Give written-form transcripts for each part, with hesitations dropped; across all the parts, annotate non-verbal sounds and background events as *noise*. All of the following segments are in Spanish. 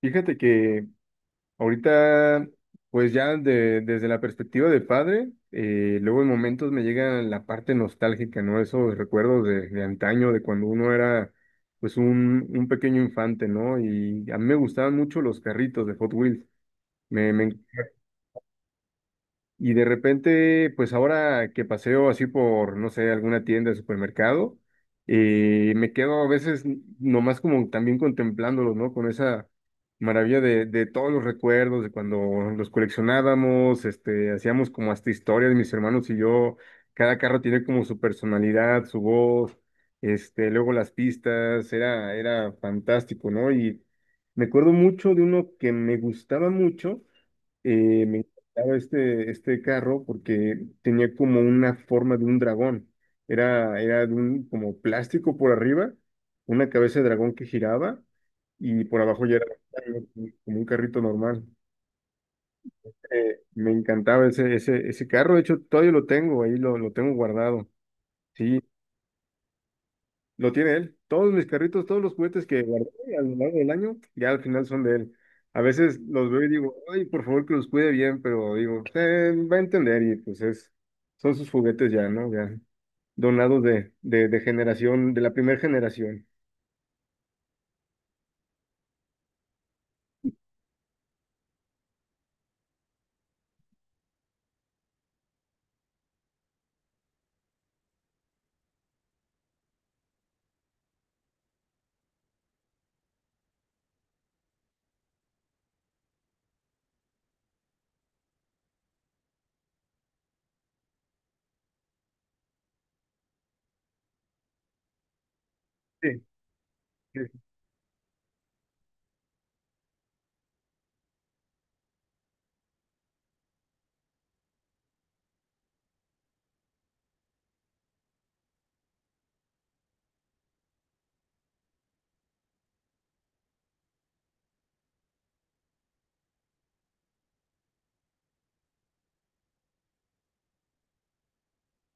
Fíjate que ahorita, pues ya desde la perspectiva de padre, luego en momentos me llega la parte nostálgica, ¿no? Esos recuerdos de antaño, de cuando uno era pues un pequeño infante, ¿no? Y a mí me gustaban mucho los carritos de Hot Wheels. Me Y de repente, pues ahora que paseo así por, no sé, alguna tienda de supermercado, me quedo a veces nomás como también contemplándolo, ¿no? Con esa maravilla de todos los recuerdos, de cuando los coleccionábamos, hacíamos como hasta historias, mis hermanos y yo, cada carro tiene como su personalidad, su voz, luego las pistas, era fantástico, ¿no? Y me acuerdo mucho de uno que me gustaba mucho, me encantaba este carro porque tenía como una forma de un dragón. Era de un como plástico por arriba, una cabeza de dragón que giraba y por abajo ya era como un carrito normal. Me encantaba ese, ese carro, de hecho todavía lo tengo, ahí lo tengo guardado. Sí. Lo tiene él. Todos mis carritos, todos los juguetes que guardé a lo largo del año, ya al final son de él. A veces los veo y digo, ay, por favor que los cuide bien, pero digo, va a entender y pues es, son sus juguetes ya, ¿no? Ya donados de generación, de la primera generación. Sí, sí, sí,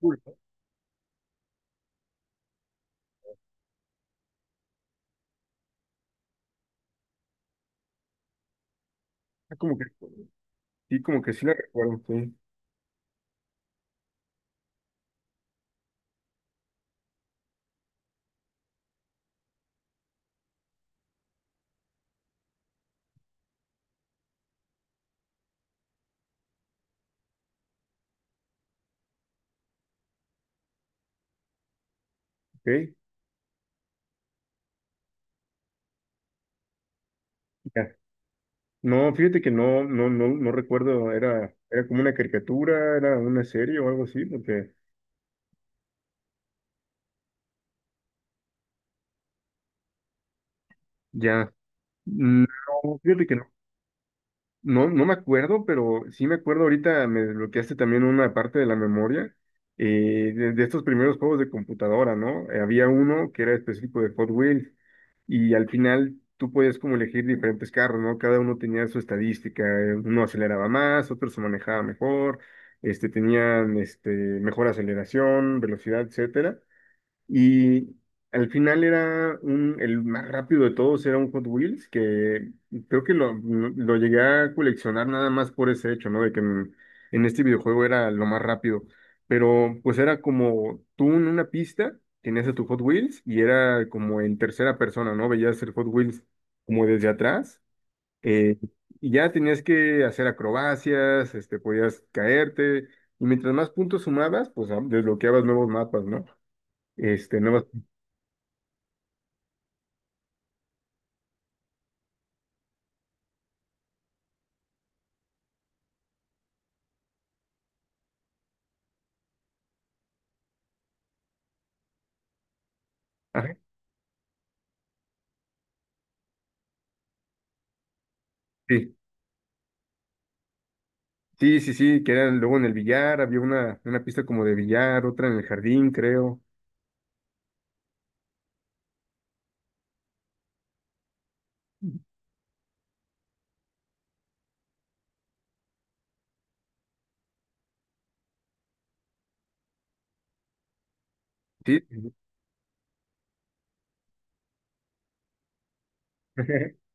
cool, ¿no? Ah, como que, sí, como que sí la recuerdo, sí. Ok, ya. No, fíjate que no recuerdo, era como una caricatura, era una serie o algo así, porque ya. No, fíjate que no. No, no me acuerdo, pero sí me acuerdo ahorita, me desbloqueaste también una parte de la memoria, de estos primeros juegos de computadora, ¿no? Había uno que era específico de Hot Wheels y al final tú podías como elegir diferentes carros, ¿no? Cada uno tenía su estadística, uno aceleraba más, otro se manejaba mejor, mejor aceleración, velocidad, etcétera. Y al final era el más rápido de todos, era un Hot Wheels, que creo que lo llegué a coleccionar nada más por ese hecho, ¿no? De en este videojuego era lo más rápido. Pero pues era como tú en una pista, tenías a tu Hot Wheels y era como en tercera persona, ¿no? Veías el Hot Wheels como desde atrás. Eh, y ya tenías que hacer acrobacias, este, podías caerte. Y mientras más puntos sumabas, pues ah, desbloqueabas nuevos mapas, ¿no? Este, nuevas. Ajá, sí, sí, sí, sí, que eran luego en el billar, había una pista como de billar, otra en el jardín, creo. Sí, sí, *laughs*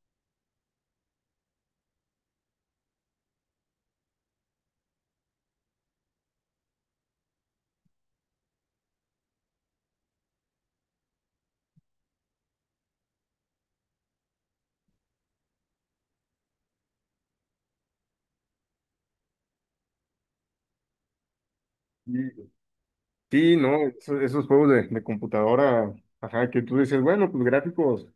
sí, sí, no, juegos de computadora, ajá, que tú dices, bueno, pues gráficos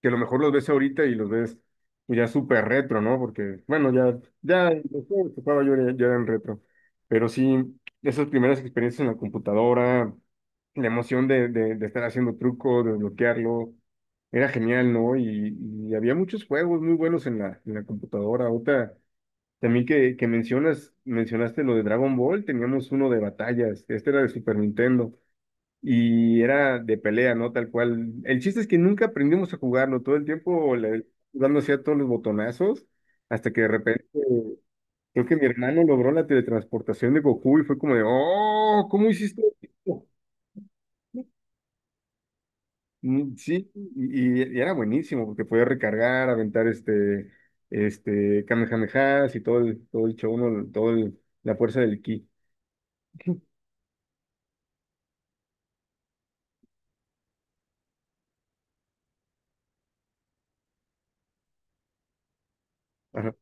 que a lo mejor los ves ahorita y los ves pues, ya súper retro, ¿no? Porque, bueno, los juegos que jugaba yo ya eran retro. Pero sí, esas primeras experiencias en la computadora, la emoción de estar haciendo truco, de desbloquearlo, era genial, ¿no? Y había muchos juegos muy buenos en en la computadora. Ahorita, también que mencionas, mencionaste lo de Dragon Ball, teníamos uno de batallas, este era de Super Nintendo y era de pelea, ¿no? Tal cual. El chiste es que nunca aprendimos a jugarlo, todo el tiempo dándose a todos los botonazos, hasta que de repente creo que mi hermano logró la teletransportación de Goku y fue como de, oh, ¿cómo hiciste esto?". Mm. Sí, y era buenísimo porque podía recargar, aventar Kamehamehas y todo el show, ¿no? La fuerza del ki. Ajá,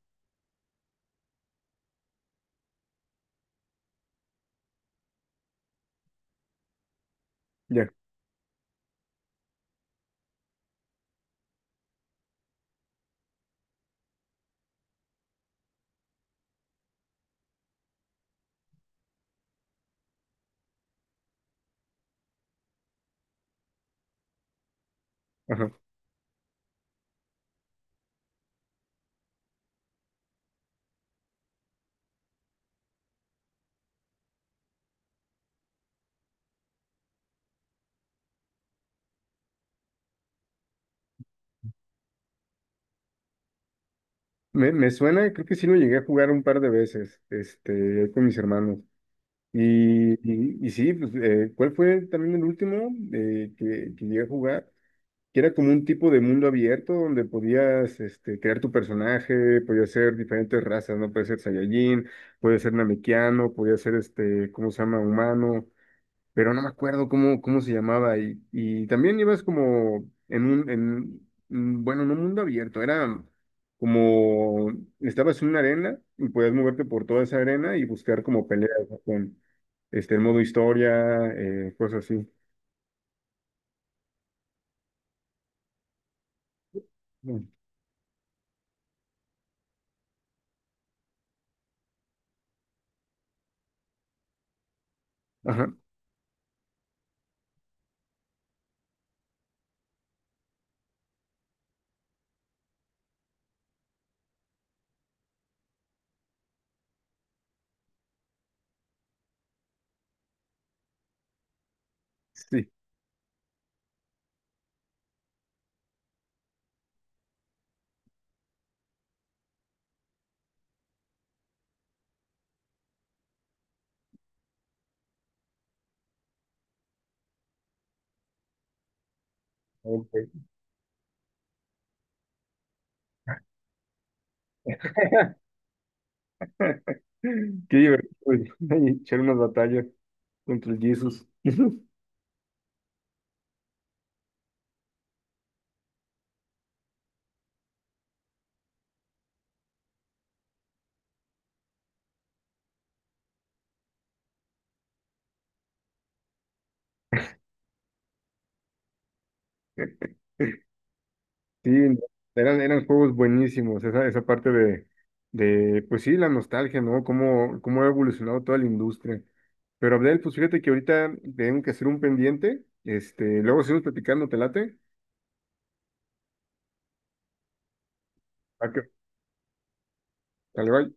ya, ajá. Me suena, creo que sí lo llegué a jugar un par de veces, este, ahí con mis hermanos. Y sí, pues, ¿cuál fue también el último, que llegué a jugar? Que era como un tipo de mundo abierto donde podías, este, crear tu personaje, podías ser diferentes razas, ¿no? Puede ser Saiyajin, puede ser Namekiano, podía ser, este, ¿cómo se llama? Humano, pero no me acuerdo cómo, cómo se llamaba. Y también ibas como en bueno, no mundo abierto, era como, estabas en una arena y podías moverte por toda esa arena y buscar como peleas, ¿no? Con este, el modo historia, cosas así. Mm. Ajá, sí. Ok. *laughs* Qué divertido, *laughs* echar unas batallas contra el Jesus. Sí, no, eran juegos buenísimos, esa parte de, pues sí, la nostalgia, ¿no? Cómo, cómo ha evolucionado toda la industria. Pero Abdel, pues fíjate que ahorita tengo que hacer un pendiente, este, luego seguimos platicando, ¿te late? Ah, que- Dale, bye.